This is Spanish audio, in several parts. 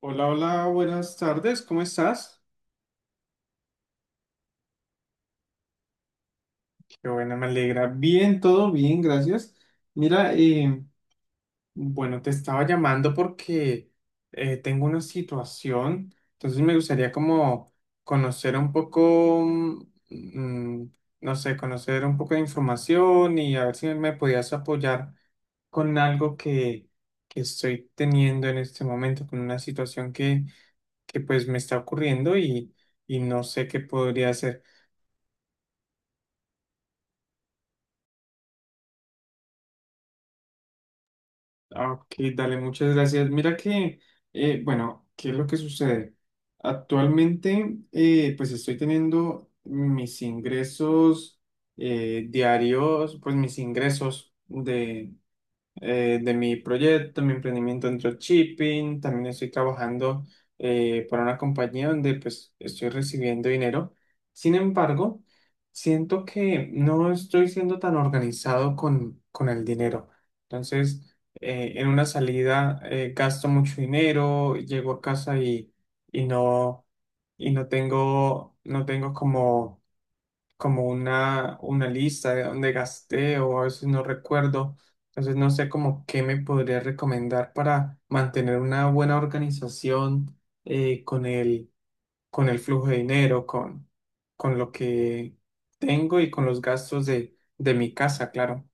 Hola, hola, buenas tardes, ¿cómo estás? Qué bueno, me alegra. Bien, todo bien, gracias. Mira, bueno, te estaba llamando porque tengo una situación, entonces me gustaría como conocer un poco, mm, no sé, conocer un poco de información y a ver si me podías apoyar con algo que estoy teniendo en este momento, con una situación que pues me está ocurriendo y no sé qué podría hacer. Ah, ok, dale, muchas gracias. Mira bueno, ¿qué es lo que sucede? Actualmente, pues estoy teniendo mis ingresos diarios, pues mis ingresos de mi proyecto, mi emprendimiento en dropshipping. También estoy trabajando para una compañía donde pues estoy recibiendo dinero. Sin embargo, siento que no estoy siendo tan organizado con el dinero. Entonces, en una salida gasto mucho dinero, llego a casa y no, y no tengo, no tengo como una lista de dónde gasté o a veces no recuerdo. Entonces no sé como qué me podría recomendar para mantener una buena organización eh, con el, con el flujo de dinero, con lo que tengo y con los gastos de mi casa, claro.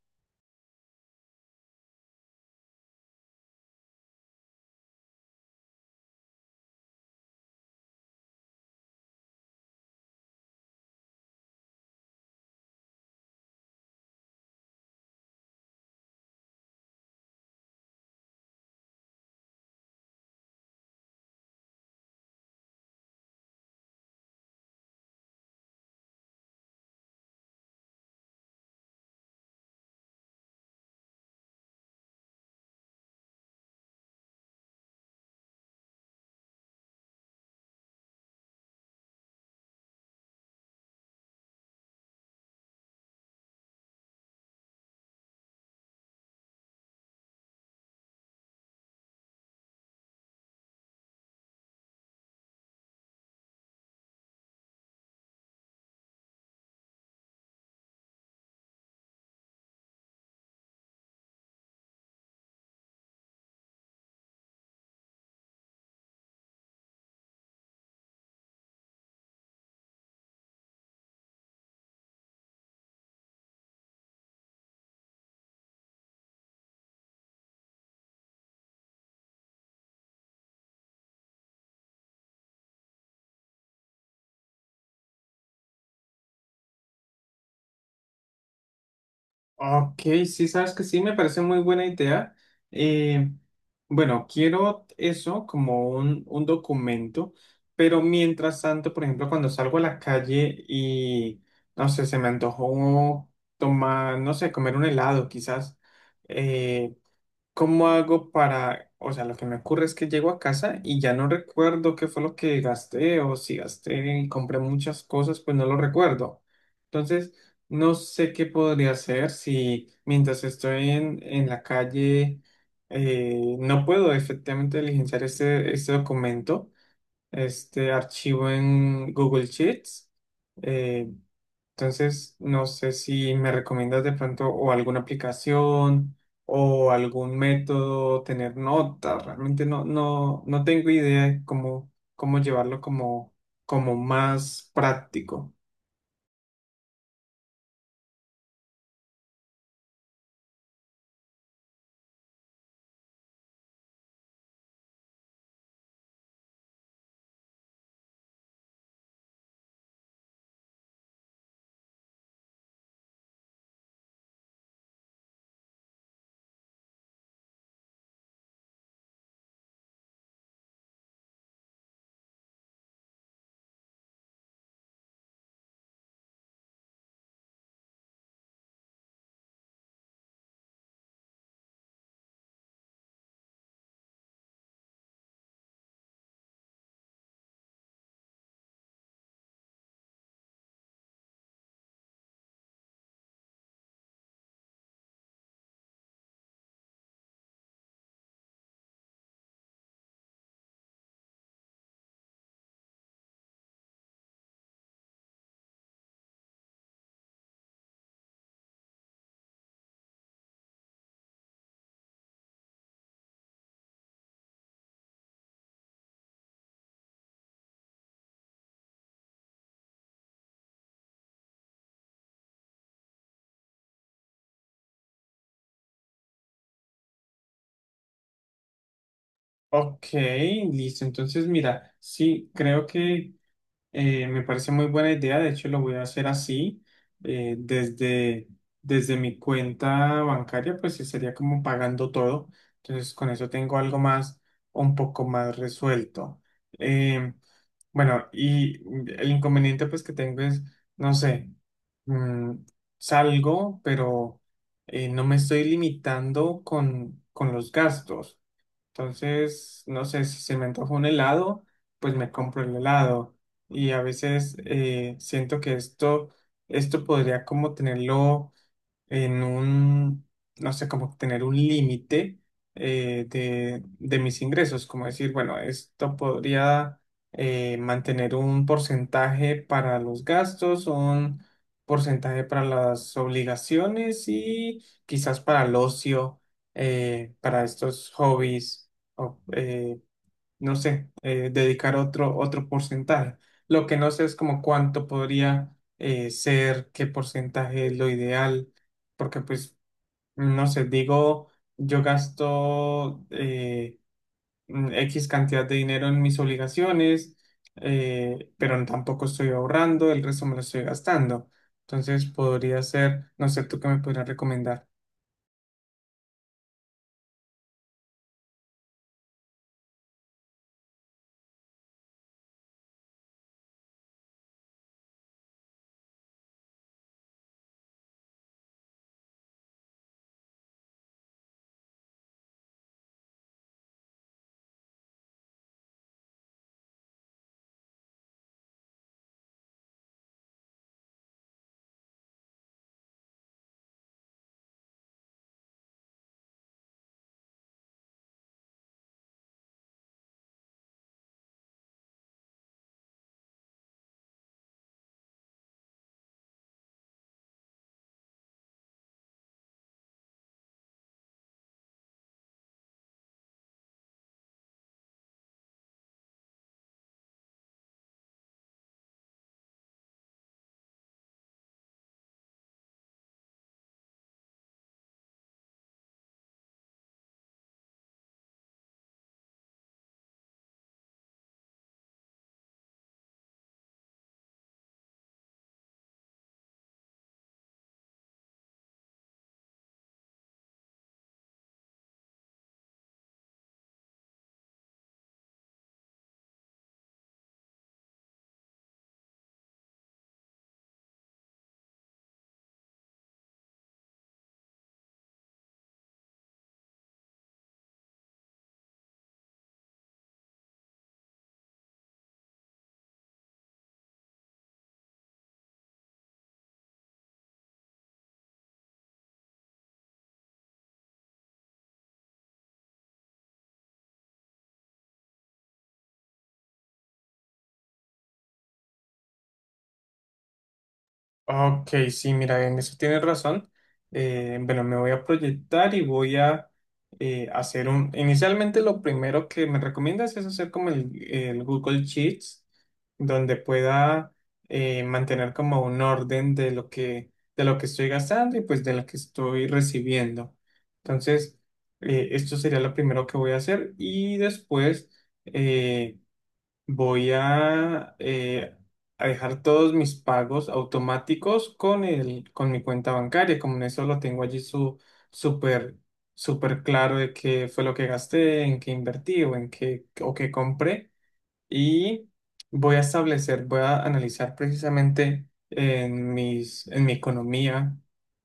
Ok, sí, sabes que sí, me parece muy buena idea. Eh, bueno, quiero eso como un documento, pero mientras tanto, por ejemplo, cuando salgo a la calle no sé, se me antojó tomar, no sé, comer un helado quizás. eh, ¿Cómo hago para, o sea, lo que me ocurre es que llego a casa y ya no recuerdo qué fue lo que gasté o si gasté y compré muchas cosas? Pues no lo recuerdo. Entonces, no sé qué podría hacer si mientras estoy en la calle no puedo efectivamente diligenciar este documento, este archivo en Google Sheets. eh, entonces, no sé si me recomiendas de pronto o alguna aplicación o algún método, tener notas. Realmente no tengo idea de cómo llevarlo como, como más práctico. Ok, listo. Entonces, mira, sí, creo que... me parece muy buena idea, de hecho lo voy a hacer así. eh, desde, Desde mi cuenta bancaria, pues sí sería como pagando todo, entonces con eso tengo algo más, un poco más resuelto. Em, bueno, y el inconveniente pues que tengo es, no sé, mm, salgo, pero no me estoy limitando con los gastos. Entonces, no sé, si se me antoja un helado, pues me compro el helado. Y a veces siento que esto podría como tenerlo en un... No sé, como tener un límite de mis ingresos, como decir, bueno, esto podría mantener un porcentaje para los gastos, un porcentaje para las obligaciones y quizás para el ocio, para estos hobbies o, no sé, dedicar otro porcentaje. Lo que no sé es como cuánto podría ser, qué porcentaje es lo ideal, porque pues, no sé, digo, yo gasto X cantidad de dinero en mis obligaciones, pero tampoco estoy ahorrando, el resto me lo estoy gastando. Entonces podría ser, no sé, tú qué me podrías recomendar. Ok, sí, mira, en eso tienes razón. Bueno, me voy a proyectar y voy a hacer un... Inicialmente lo primero que me recomiendas es hacer como el Google Sheets, donde pueda mantener como un orden de lo de lo que estoy gastando y pues de lo que estoy recibiendo. Entonces, esto sería lo primero que voy a hacer y después... eh, Voy a dejar todos mis pagos automáticos con mi cuenta bancaria. Como en eso lo tengo allí súper, súper claro de qué fue lo que gasté, en qué invertí o en qué, o qué compré. Y voy a establecer, voy a analizar precisamente en en mi economía,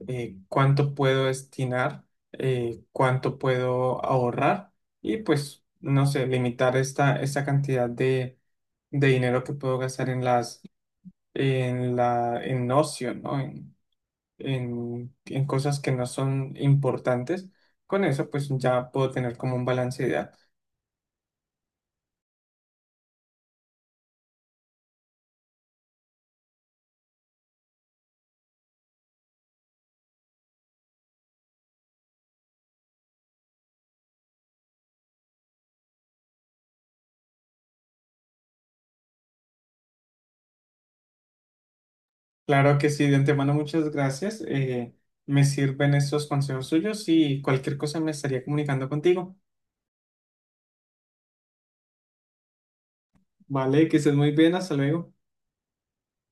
cuánto puedo destinar, cuánto puedo ahorrar y pues, no sé, limitar esta cantidad de dinero que puedo gastar en las en ocio, ¿no? En cosas que no son importantes. Con eso, pues ya puedo tener como un balance de edad. Claro que sí, de antemano, muchas gracias. Me sirven esos consejos suyos y cualquier cosa me estaría comunicando contigo. Vale, que estés muy bien, hasta luego.